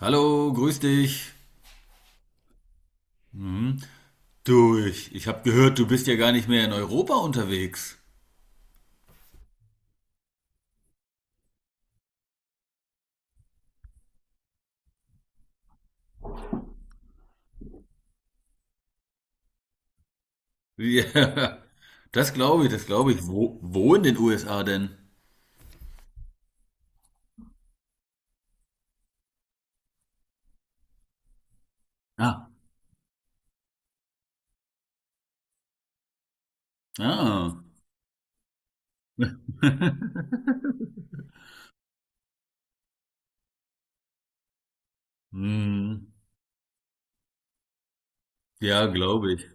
Hallo, grüß dich. Hm? Du, ich habe gehört, du bist ja gar nicht mehr in Europa unterwegs. Ja, das glaube ich, das glaube ich. Wo in den USA denn? Ah, ah. Hm, ja, glaube ich.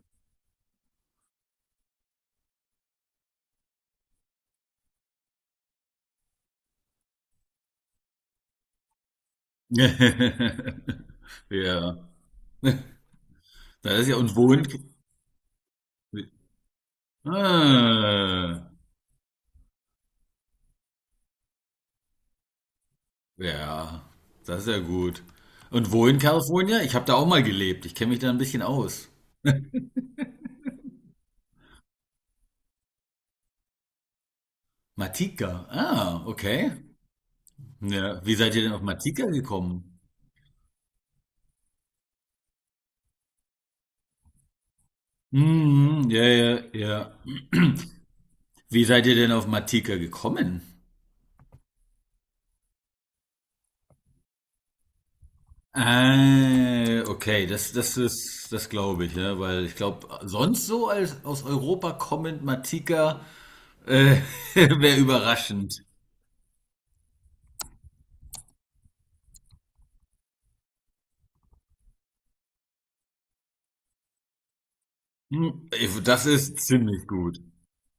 Ja, das ist ja und wo in. Ah, ja, das ist ja gut. Und wo in Kalifornien? Ich habe da auch mal gelebt. Ich kenne mich da ein bisschen aus. Matika. Ah, okay. Ja, wie seid ihr denn auf Matika gekommen? Mhm, ja, ja, ja. Wie seid ihr denn auf Matika gekommen? Ah, okay, das ist, das glaube ich, ja, weil ich glaube, sonst so als aus Europa kommend Matika äh, wäre überraschend. Hm, Das ist ziemlich gut.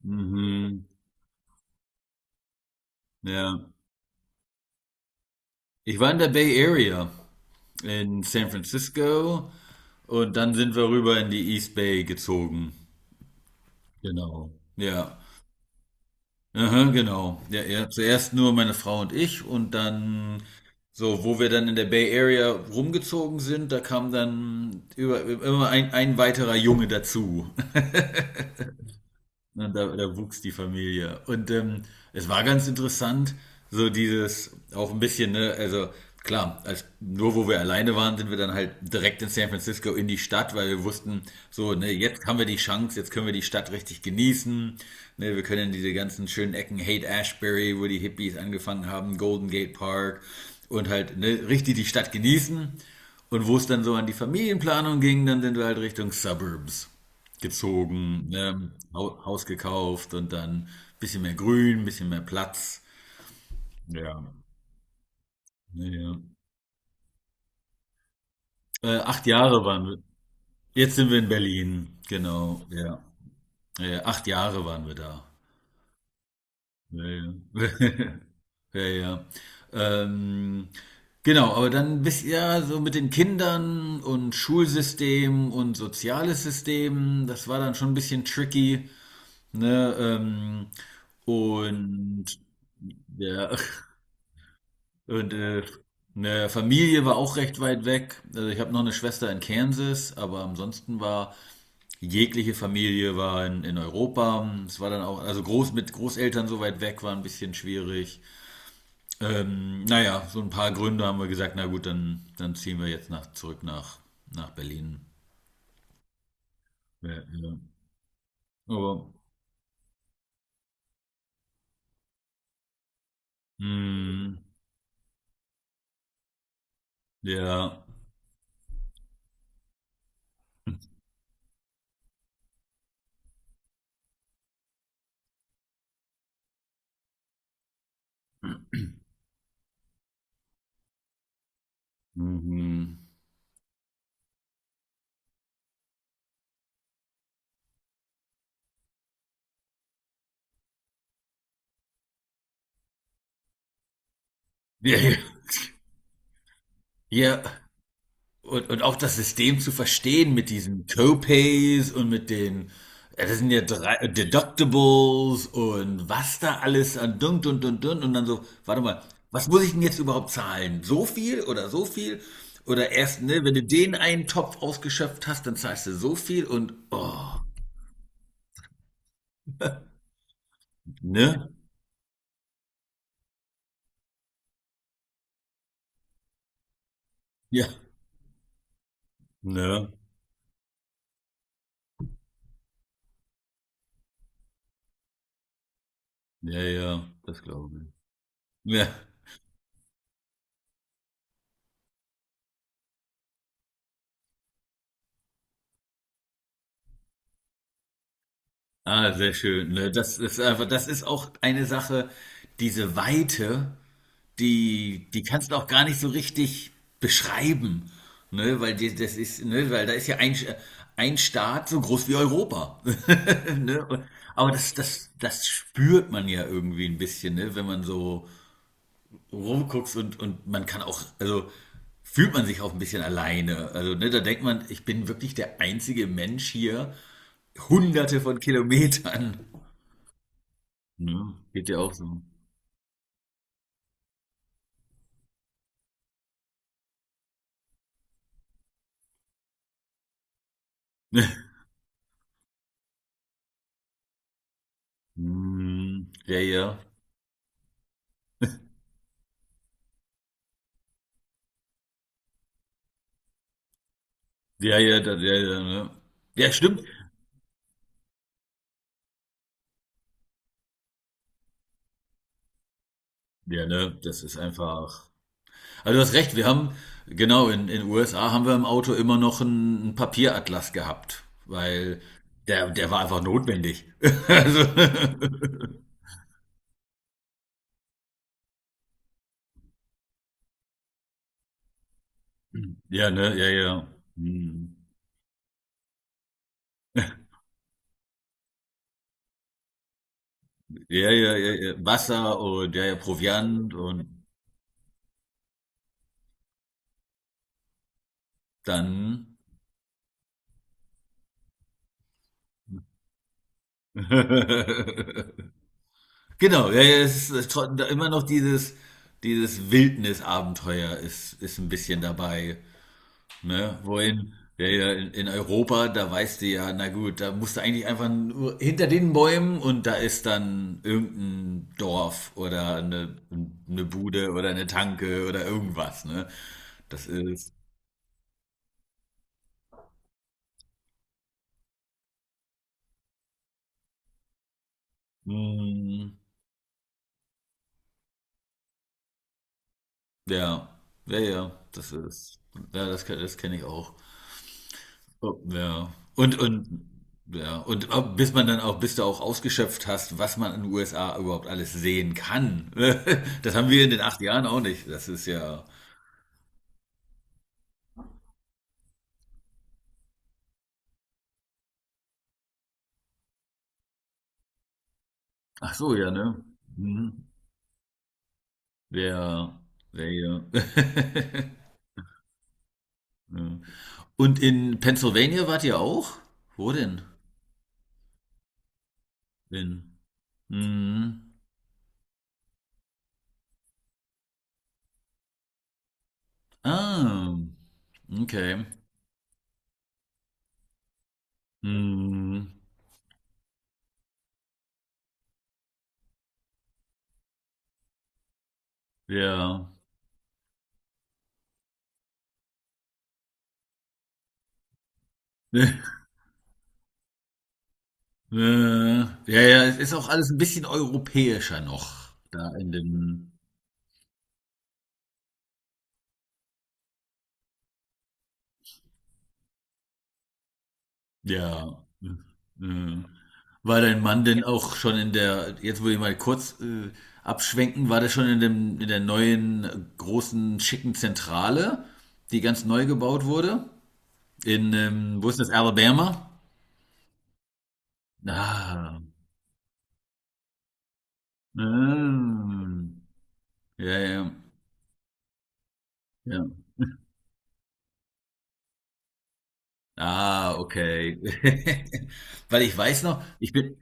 Mhm, ja. Ich war in der Bay Area in San Francisco und dann sind wir rüber in die East Bay gezogen. Genau. Ja. Aha, genau. Ja, ja. Zuerst nur meine Frau und ich und dann so, wo wir dann in der Bay Area rumgezogen sind, da kam dann immer ein weiterer Junge dazu. Ne, da wuchs die Familie. Und es war ganz interessant, so dieses, auch ein bisschen, ne, also klar, als, nur wo wir alleine waren, sind wir dann halt direkt in San Francisco in die Stadt, weil wir wussten, so, ne, jetzt haben wir die Chance, jetzt können wir die Stadt richtig genießen. Ne, wir können diese ganzen schönen Ecken, Haight Ashbury, wo die Hippies angefangen haben, Golden Gate Park und halt ne, richtig die Stadt genießen. Und wo es dann so an die Familienplanung ging, dann sind wir halt Richtung Suburbs gezogen, ne? Haus gekauft und dann ein bisschen mehr Grün, ein bisschen mehr Platz. Ja, ja. 8 Jahre waren wir. Jetzt sind wir in Berlin, genau. Ja, acht Jahre waren wir da. Ja, ja. Ja, ja. Ähm, genau, aber dann bist ja so mit den Kindern und Schulsystem und soziales System, das war dann schon ein bisschen tricky, ne? Und ja, Und ne, Familie war auch recht weit weg. Also ich habe noch eine Schwester in Kansas, aber ansonsten war jegliche Familie war in Europa. Es war dann auch, also groß mit Großeltern so weit weg war ein bisschen schwierig. Naja, so ein paar Gründe haben wir gesagt, na gut, dann ziehen wir jetzt nach, zurück nach Berlin. Ja, ja. Aber, mh, ja, mhm. Ja, ja, ja. Und auch das System zu verstehen mit diesen Copays und mit den, ja, das sind ja drei Deductibles und was da alles an dun dun dun dun und dann so, warte mal, was muss ich denn jetzt überhaupt zahlen? So viel? Oder erst, ne, wenn du den einen Topf ausgeschöpft hast, dann zahlst du so viel und oh, ne? Ja, ne? Ja, ja, das glaube ich. Ja. Ah, sehr schön. Ne? Das ist einfach, das ist auch eine Sache, diese Weite, die kannst du auch gar nicht so richtig beschreiben. Ne? Weil die, das ist, ne? Weil da ist ja ein Staat so groß wie Europa. ne? Aber das spürt man ja irgendwie ein bisschen, ne? Wenn man so rumguckst und man kann auch, also fühlt man sich auch ein bisschen alleine. Also, ne, da denkt man, ich bin wirklich der einzige Mensch hier, hunderte von Kilometern. Ja, geht ja auch so. Hm, ja, ja. Ja, ja, da, ja, ja, ne. Ja, stimmt. Ja, ne, das ist einfach. Also du hast recht, wir haben, genau, in USA haben wir im Auto immer noch einen Papieratlas gehabt, weil der war einfach notwendig. Also, ja, ne, ja, ja. Hm. Ja, ja, ja, ja. Wasser und ja, ja, Proviant und dann. Genau, ja, ja, es ist da immer noch dieses Wildnisabenteuer ist ein bisschen dabei. Ne? Wohin? Ja, ja, in Europa, da weißt du ja, na gut, da musst du eigentlich einfach nur hinter den Bäumen und da ist dann irgendein Dorf oder eine Bude oder eine Tanke oder irgendwas, ne? Das ist, mm, ja, ja, ja, das ist, ja, das, das kenne ich auch. So. Ja. Und, ja. Und bis man dann auch, bis du auch ausgeschöpft hast, was man in den USA überhaupt alles sehen kann. Das haben wir in den 8 Jahren auch nicht. Das ist ja. Ach so, ja, ne? Mhm. Ja, ja, ja. Ja. Und in Pennsylvania wart ihr auch? Wo denn? In. Mhm. Ah, okay. Mhm. Ja. Äh, ja, ja, es ist auch alles ein bisschen europäischer noch da in dem ja. Mhm. War dein Mann denn Ja. auch schon in der jetzt würde ich mal kurz, abschwenken, war der schon in der neuen, großen, schicken Zentrale, die ganz neu gebaut wurde? In, wo ist das, Alabama? Ah. Mhm. Ja, ja, ja. Ah, okay. Weil ich weiß noch, ich bin.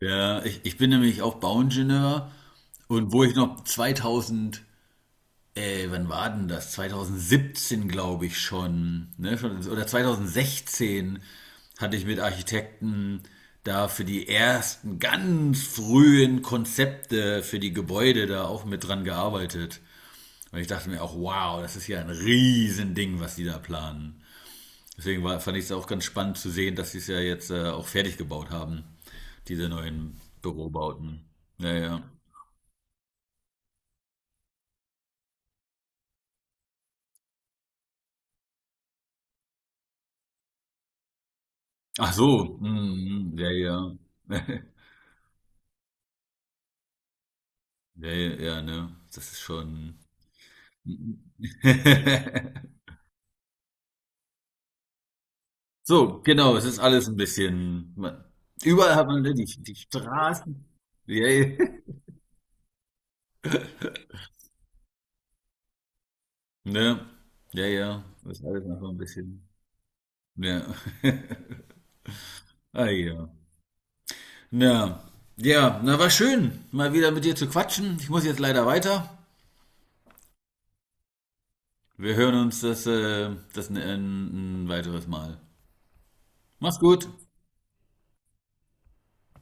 Ja, ich bin nämlich auch Bauingenieur und wo ich noch wann war denn das? 2017 glaube ich schon, ne, schon, oder 2016 hatte ich mit Architekten da für die ersten ganz frühen Konzepte für die Gebäude da auch mit dran gearbeitet. Und ich dachte mir auch, wow, das ist ja ein Riesending, was die da planen. Deswegen war, fand ich es auch ganz spannend zu sehen, dass sie es ja jetzt auch fertig gebaut haben, diese neuen Bürobauten. Ja, ja. Ach so, mm, mm, ja, ja. Ja, ja, ja, ne? Das ist schon. So, genau, es ist alles ein bisschen. Überall hat man ne, die Straßen. Ja, ja. Ne? Ja, ja. Das ist alles einfach ein bisschen. Ja. Ah, ja. Ja. Ja, na war schön, mal wieder mit dir zu quatschen. Ich muss jetzt leider weiter. Wir hören uns das ein weiteres Mal. Mach's gut.